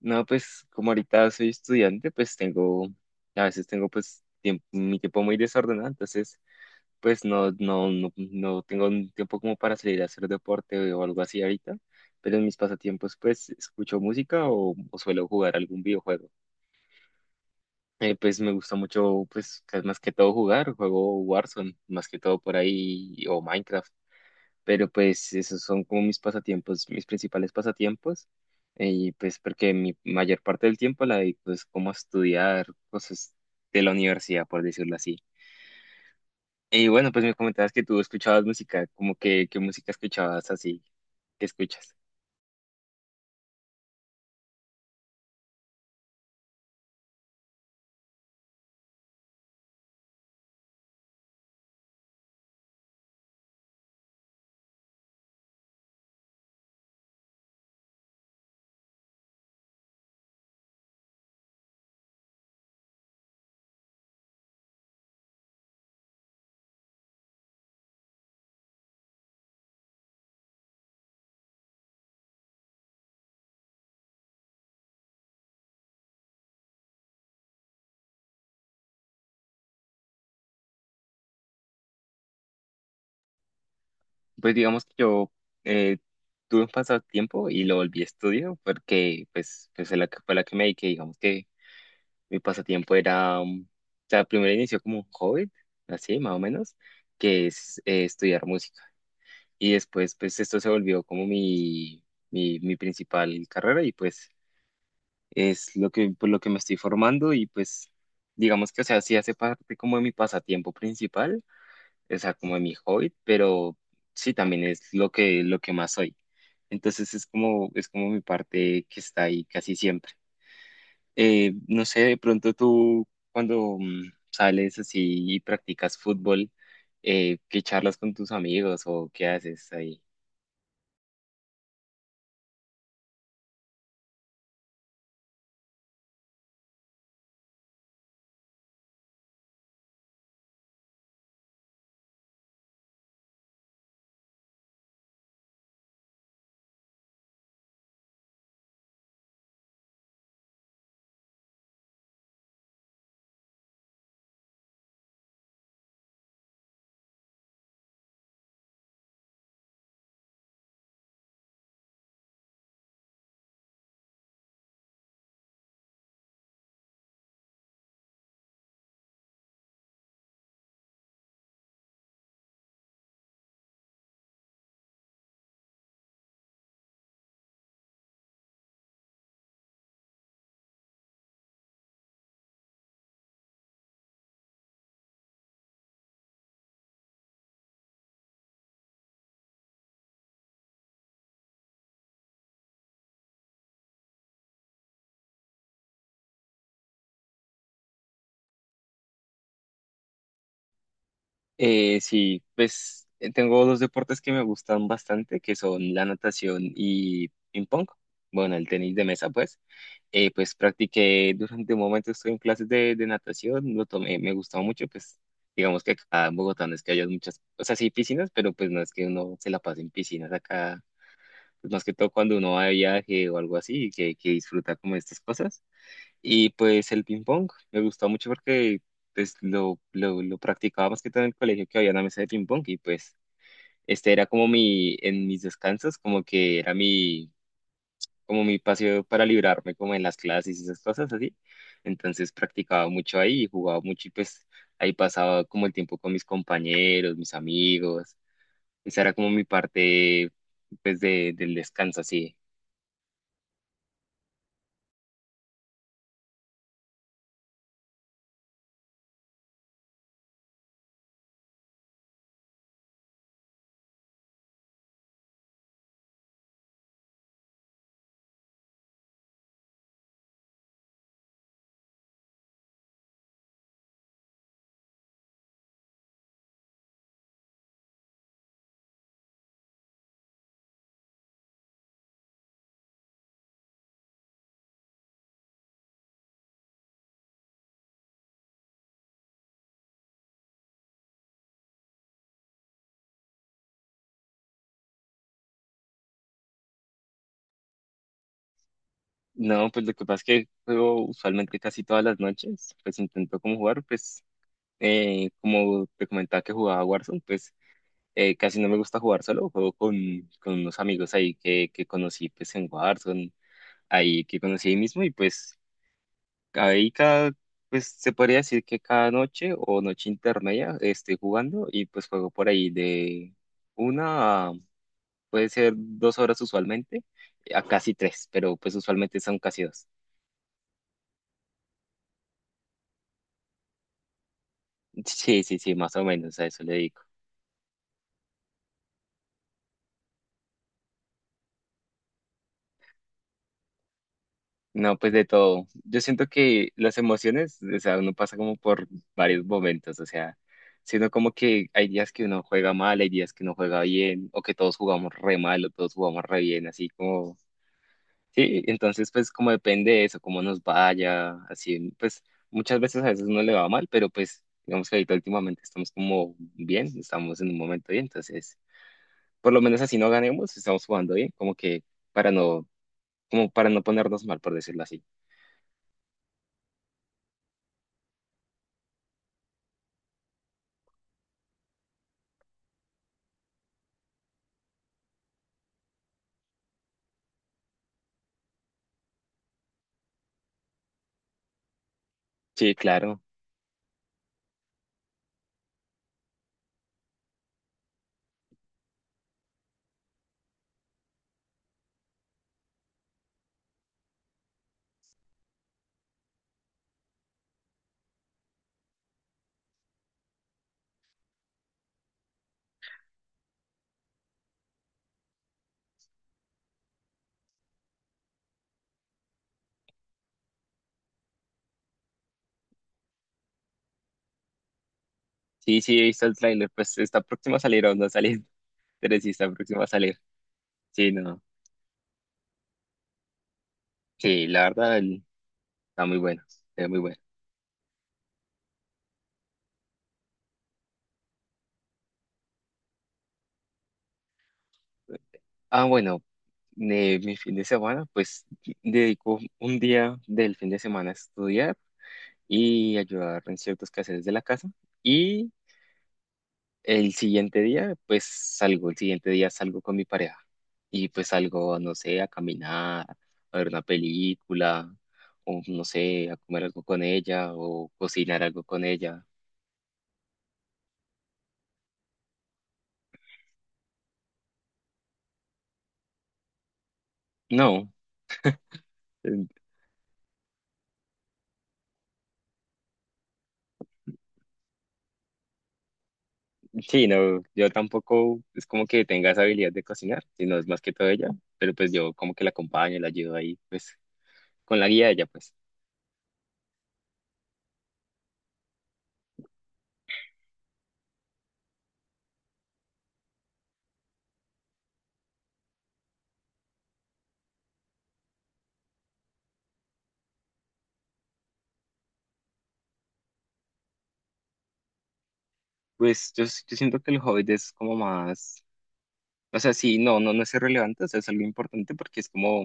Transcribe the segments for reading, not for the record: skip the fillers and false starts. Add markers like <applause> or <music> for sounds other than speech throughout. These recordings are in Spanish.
No, pues como ahorita soy estudiante, pues tengo, a veces tengo pues mi tiempo muy desordenado. Entonces pues no tengo un tiempo como para salir a hacer deporte o algo así ahorita, pero en mis pasatiempos pues escucho música o suelo jugar algún videojuego. Pues me gusta mucho pues más que todo jugar, juego Warzone, más que todo por ahí, o Minecraft. Pero pues esos son como mis pasatiempos, mis principales pasatiempos, y pues porque mi mayor parte del tiempo la dedico es como a estudiar cosas de la universidad, por decirlo así. Y bueno, pues me comentabas que tú escuchabas música, como que, ¿qué música escuchabas así? ¿Qué escuchas? Pues digamos que yo eh, tuve un pasatiempo y lo volví a estudio porque pues, pues fue la que me dediqué. Digamos que mi pasatiempo era, o sea, primero inició como un hobby, así más o menos, que es estudiar música. Y después, pues esto se volvió como mi principal carrera, y pues es lo que, por lo que me estoy formando. Y pues digamos que, o sea, sí hace parte como de mi pasatiempo principal, o sea, como de mi hobby, pero sí también es lo que más soy. Entonces es como mi parte que está ahí casi siempre. No sé, de pronto tú cuando sales así y practicas fútbol, ¿qué charlas con tus amigos o qué haces ahí? Sí, pues tengo dos deportes que me gustan bastante, que son la natación y ping pong. Bueno, el tenis de mesa, pues. Pues practiqué durante un momento, estoy en clases de natación, lo tomé, me gustaba mucho. Pues digamos que acá en Bogotá no es que haya muchas, o sea, sí hay piscinas, pero pues no es que uno se la pase en piscinas acá, pues más que todo cuando uno va de viaje o algo así, que disfruta como estas cosas. Y pues el ping pong me gustó mucho porque pues lo practicaba más que todo en el colegio, que había una mesa de ping pong. Y pues este era como mi, en mis descansos, como que era mi, como mi paseo para librarme como en las clases y esas cosas así. Entonces practicaba mucho ahí, jugaba mucho, y pues ahí pasaba como el tiempo con mis compañeros, mis amigos. Esa era como mi parte pues de, del descanso, así. No, pues lo que pasa es que juego usualmente casi todas las noches. Pues intento como jugar, pues como te comentaba que jugaba Warzone. Pues casi no me gusta jugar solo, juego con unos amigos ahí que conocí pues en Warzone, ahí que conocí ahí mismo. Y pues ahí cada, pues se podría decir que cada noche o noche intermedia estoy jugando, y pues juego por ahí de una, puede ser dos horas usualmente, a casi tres, pero pues usualmente son casi dos. Sí, sí, sí, más o menos a eso le digo. No, pues de todo. Yo siento que las emociones, o sea, uno pasa como por varios momentos, o sea, sino como que hay días que uno juega mal, hay días que uno juega bien, o que todos jugamos re mal, o todos jugamos re bien, así como, sí. Entonces pues como depende de eso, cómo nos vaya, así, pues muchas veces a veces uno le va mal, pero pues digamos que ahorita últimamente estamos como bien, estamos en un momento bien. Entonces por lo menos así no ganemos, estamos jugando bien, como que para no, como para no ponernos mal, por decirlo así. Sí, claro. Sí, sí, he visto el tráiler, pues está próximo a salir o no ha salido, <laughs> pero sí está próximo a salir. Sí, no. Sí, la verdad, está muy bueno, está muy bueno. Ah, bueno, de mi fin de semana, pues dedico un día del fin de semana a estudiar y ayudar en ciertos quehaceres de la casa. Y el siguiente día, pues salgo, el siguiente día salgo con mi pareja, y pues salgo, no sé, a caminar, a ver una película, o no sé, a comer algo con ella o cocinar algo con ella. No, eh, sí, no, yo tampoco es como que tenga esa habilidad de cocinar, sino es más que todo ella, pero pues yo como que la acompaño, la ayudo ahí, pues con la guía de ella, pues. Pues yo, yo siento que el hobby es como más, o sea, sí, no, no, no es irrelevante, o sea, es algo importante porque es como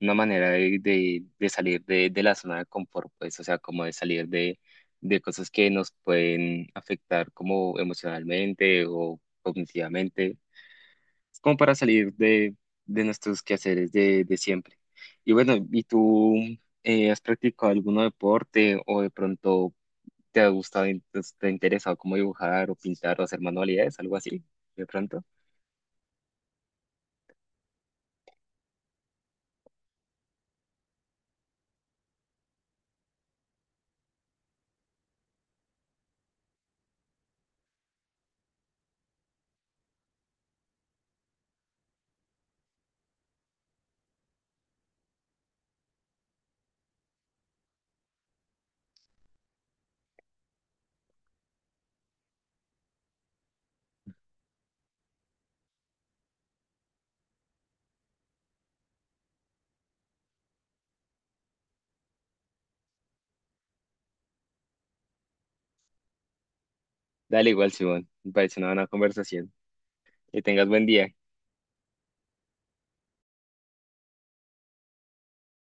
una manera de salir de la zona de confort. Pues, o sea, como de salir de cosas que nos pueden afectar como emocionalmente o cognitivamente, como para salir de nuestros quehaceres de siempre. Y bueno, ¿y tú has practicado algún deporte, o de pronto te ha gustado, te ha interesado como dibujar o pintar o hacer manualidades, algo así, de pronto? Dale, igual, Simón, me parece una buena conversación. Que tengas buen día.